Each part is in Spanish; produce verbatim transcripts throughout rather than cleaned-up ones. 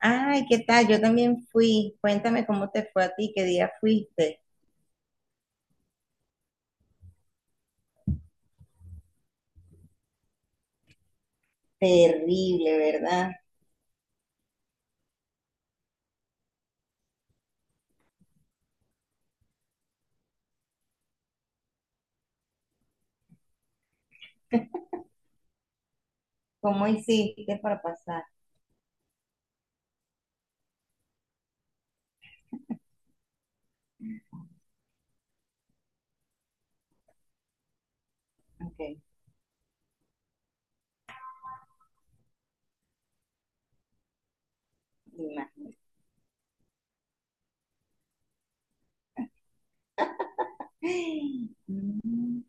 Ay, ¿qué tal? Yo también fui. Cuéntame cómo te fue a ti, qué día fuiste. Terrible, ¿verdad? ¿Cómo hiciste para pasar? Ok, me imagino. Ay, mm,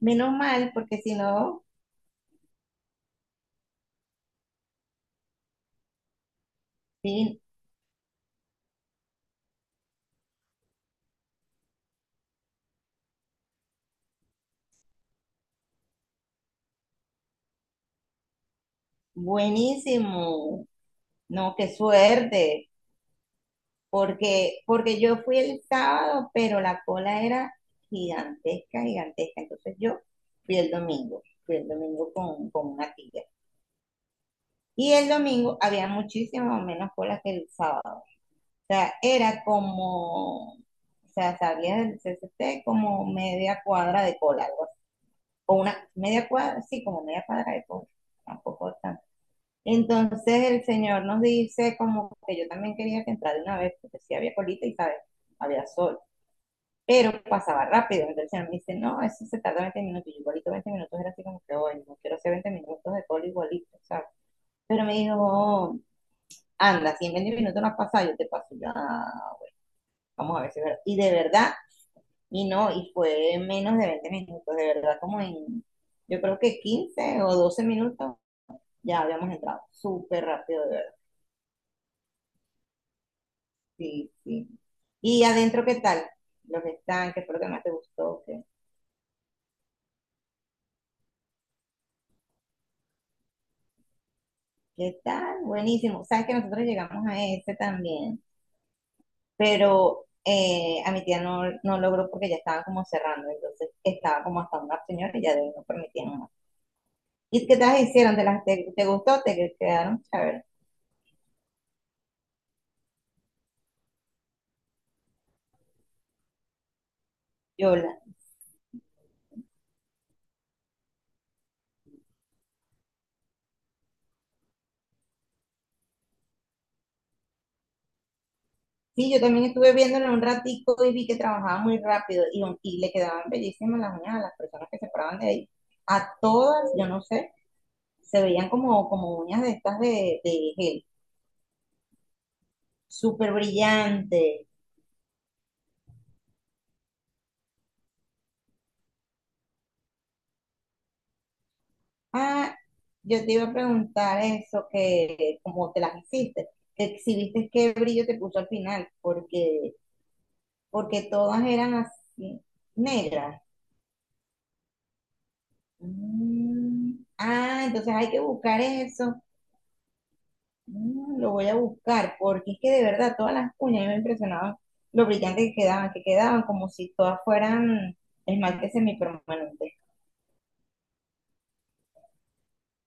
menos mal, porque si no, sí, buenísimo. No, qué suerte. Porque, porque yo fui el sábado, pero la cola era gigantesca, gigantesca. Entonces yo fui el domingo, fui el domingo con, con una tía. Y el domingo había muchísimo menos cola que el sábado. O sea, era como, o sea, salía del C C T como media cuadra de cola, algo así. O una media cuadra, sí, como media cuadra de cola, tampoco tanto. Entonces el señor nos dice como que yo también quería que entrara de una vez, porque sí había colita y, ¿sabes? Había sol pero pasaba rápido. Entonces el señor me dice, no, eso se tarda veinte minutos. Y igualito veinte minutos era así como que, bueno, no quiero hacer veinte minutos de cola igualito, ¿sabes? Pero me dijo, oh, anda, si en veinte minutos no has pasado, yo te paso ya, vamos a ver si es verdad. Y de verdad, y no, y fue menos de veinte minutos, de verdad, como en, yo creo que quince o doce minutos ya habíamos entrado, súper rápido, de verdad. Sí, sí. Y adentro, ¿qué tal? Los que están, que fue lo que más te gustó? ¿Qué, qué tal? Buenísimo. Sabes que nosotros llegamos a ese también, pero eh, a mi tía no, no logró porque ya estaban como cerrando, entonces estaba como hasta una señora y ya de ahí no permitían más. ¿Y qué te las hicieron? ¿Te, las, te, te gustó? ¿Te quedaron? A ver, yo la... Sí, yo también estuve viéndolo un ratico y vi que trabajaba muy rápido y, y le quedaban bellísimas las uñas a las personas que se paraban de ahí. A todas, yo no sé, se veían como, como uñas de estas de, de gel, súper brillante. Ah, yo te iba a preguntar eso, que como te las hiciste, que si viste qué brillo te puso al final, porque, porque todas eran así, negras. Mm, ah, entonces hay que buscar eso. Mm, lo voy a buscar, porque es que de verdad todas las uñas a mí me impresionaban lo brillante que quedaban, que quedaban como si todas fueran esmalte semipermanente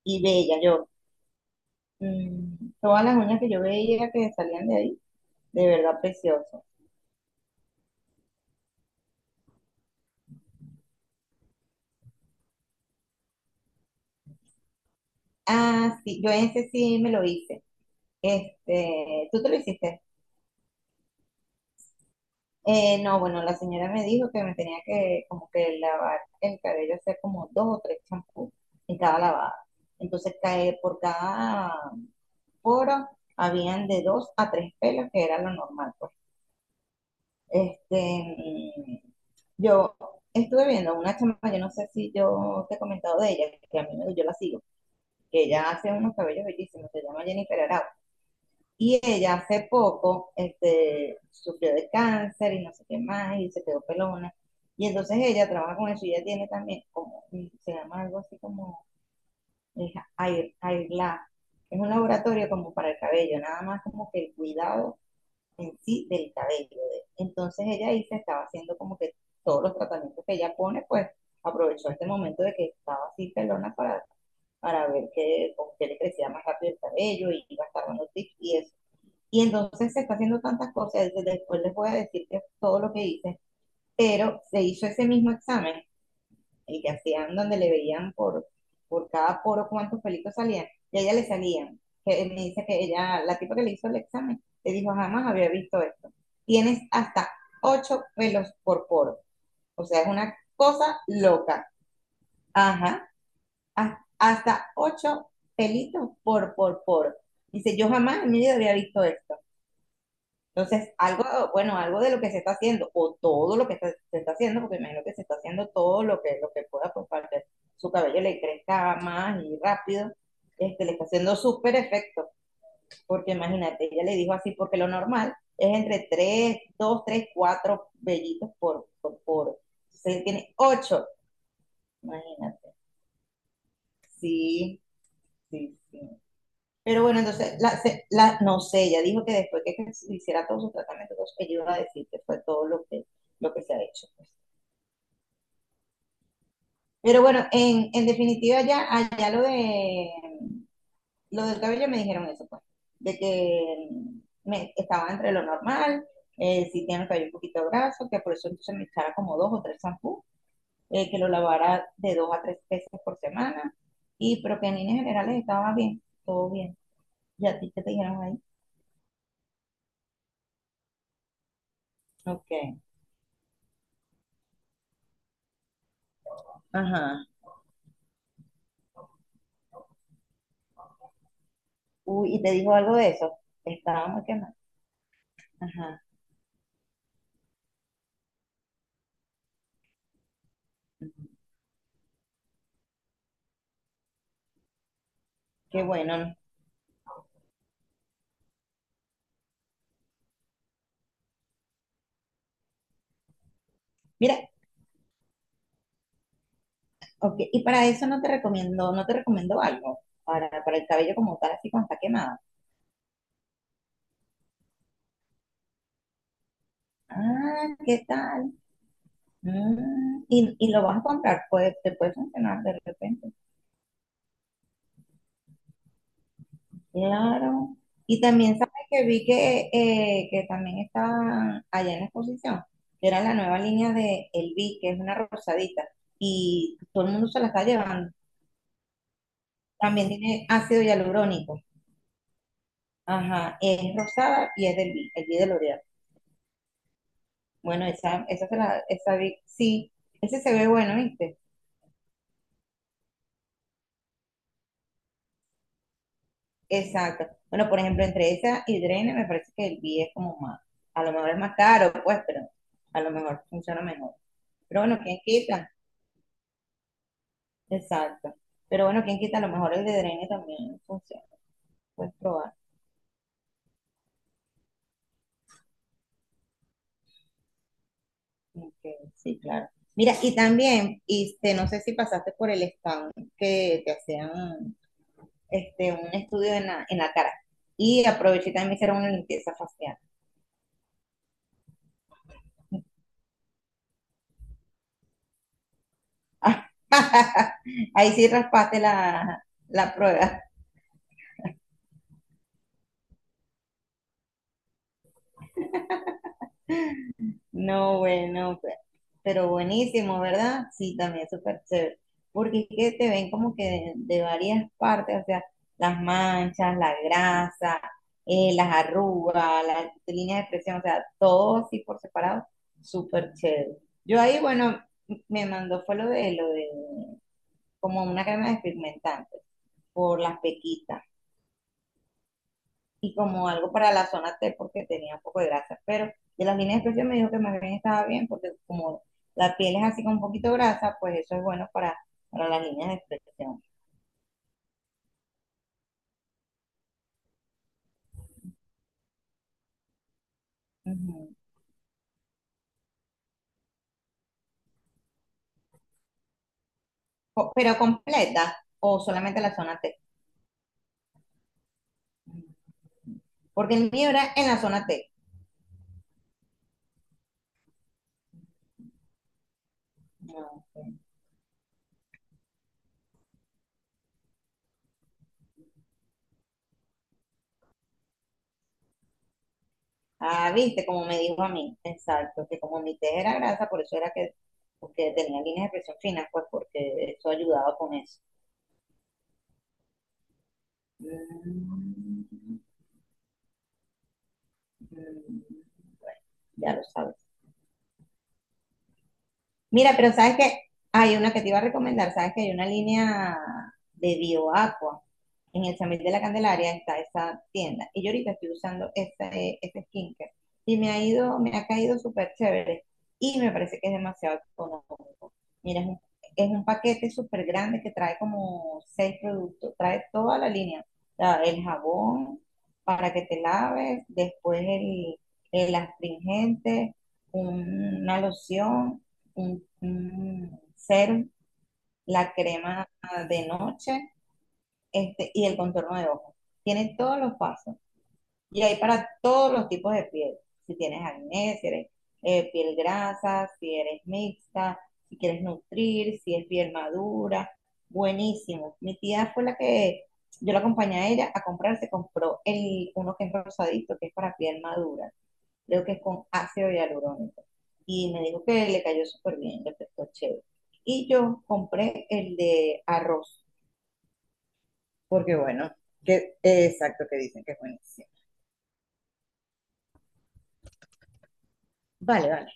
y bella yo. Mm, todas las uñas que yo veía que salían de ahí, de verdad precioso. Ah, sí, yo ese sí me lo hice. Este, ¿tú te lo hiciste? Eh, no, bueno, la señora me dijo que me tenía que como que lavar el cabello, hacer como dos o tres champús en cada lavada. Entonces, cae por cada poro habían de dos a tres pelos, que era lo normal. Pues. Este, mm, yo estuve viendo una chama, yo no sé si yo te he comentado de ella, que a mí me, yo la sigo, que ella hace unos cabellos bellísimos. Se llama Jennifer Arau. Y ella hace poco este, sufrió de cáncer y no sé qué más, y se quedó pelona. Y entonces ella trabaja con eso y ella tiene también, como, se llama algo así como es Air, Air Lab. Es un laboratorio como para el cabello, nada más como que el cuidado en sí del cabello. Entonces ella ahí se estaba haciendo como que todos los tratamientos que ella pone, pues aprovechó este momento de que estaba así pelona para, para ver que, que le crecía más rápido el cabello y iba a estar dando tips y eso. Y entonces se está haciendo tantas cosas, después les voy a decir que todo lo que hice, pero se hizo ese mismo examen, el que hacían donde le veían por, por cada poro cuántos pelitos salían, y a ella le salían. Que me dice que ella, la tipa que le hizo el examen, le dijo, jamás había visto esto. Tienes hasta ocho pelos por poro. O sea, es una cosa loca. Ajá. Hasta ocho pelitos por, por, por. Dice, yo jamás en mi vida había visto esto. Entonces, algo, bueno, algo de lo que se está haciendo, o todo lo que está- se está haciendo, porque me imagino que se está haciendo todo lo que, lo que pueda, pues, para que su cabello le crezca más y rápido, este, le está haciendo súper efecto, porque imagínate, ella le dijo así, porque lo normal es entre tres dos tres cuatro vellitos por, por, por, entonces él tiene ocho, imagínate, sí, sí, sí. Pero bueno, entonces, la, se- la- no sé, ella dijo que después que se hiciera todo su tratamiento, entonces ella iba a decir que fue todo lo que, lo que se ha hecho. Pues. Pero bueno, en, en definitiva, ya, allá lo de lo del cabello me dijeron eso, pues, de que me, estaba entre lo normal, eh, si tiene el cabello un poquito graso, que por eso entonces me echara como dos o tres shampoos, eh, que lo lavara de dos a tres veces por semana, y pero que en líneas generales estaba bien, todo bien. ¿Y a ti qué te dijeron ahí? Ok. Ajá. Uy, y te dijo algo de eso. Estaba muy quemada. Ajá, ujú. Qué bueno, ¿no? Mira, ok. Y para eso no te recomiendo, no te recomiendo algo. Para, para el cabello como tal, así cuando está quemado. Ah, ¿qué tal? Mm, y, y lo vas a comprar, pues te puede funcionar de repente. Claro. Y también sabes que vi que, eh, que también estaba allá en la exposición, que era la nueva línea de El Vi, que es una rosadita. Y todo el mundo se la está llevando. También tiene ácido hialurónico. Ajá, es rosada y es del B, el Bee de L'Oreal. Bueno, esa, esa se la, esa vi- sí, ese se ve bueno, ¿viste? Exacto. Bueno, por ejemplo, entre esa y Drene me parece que el B es como más, a lo mejor es más caro, pues, pero a lo mejor funciona mejor. Pero bueno, ¿quién quita? Exacto. Pero bueno, ¿quién quita? A lo mejor el de Drene también funciona. Puedes probar. Ok, sí, claro. Mira, y también, este, no sé si pasaste por el stand que te hacían este, un estudio en la, en la cara. Y aproveché y también me hicieron una limpieza facial. Ahí sí raspaste la, la prueba. No, bueno, pero, pero buenísimo, ¿verdad? Sí, también súper chévere. Porque es que te ven como que de, de varias partes, o sea, las manchas, la grasa, eh, las arrugas, las líneas de expresión, o sea, todo así por separado, súper chévere. Yo ahí, bueno, me mandó fue lo de lo de como una crema despigmentante por las pequitas y como algo para la zona T porque tenía un poco de grasa. Pero de las líneas especiales me dijo que más bien estaba bien porque como la piel es así con un poquito grasa, pues eso es bueno para, para las líneas de expresión. Ujú. Co- Pero completa o solamente la zona T. Ujú. Porque el mío era en la zona T. No, ok. Ah, viste, como me dijo a mí, exacto, que como mi T era grasa, por eso era que porque tenía líneas de expresión finas, pues porque eso ayudaba con eso. Mm, mm, mm, mm. Bueno, ya lo sabes. Mira, pero sabes que hay una que te iba a recomendar, sabes que hay una línea de BioAqua en el Samil de la Candelaria, está esa tienda. Y yo ahorita estoy usando ese, ese skincare y me ha ido, me ha caído súper chévere y me parece que es demasiado económico. Mira, es un, es un paquete súper grande que trae como seis productos, trae toda la línea, la- el jabón para que te laves, después el, el astringente, una loción un serum, la crema de noche este, y el contorno de ojos. Tiene todos los pasos y hay para todos los tipos de piel. Si tienes acné, si eres eh, piel grasa, si eres mixta, si quieres nutrir, si es piel madura, buenísimo. Mi tía fue la que yo la acompañé a ella a comprar, se compró el, uno que es rosadito, que es para piel madura creo que es con ácido hialurónico. Y me dijo que le cayó súper bien, le prestó chévere. Y yo compré el de arroz, porque bueno, que, exacto, que dicen que es buenísimo. Vale, vale,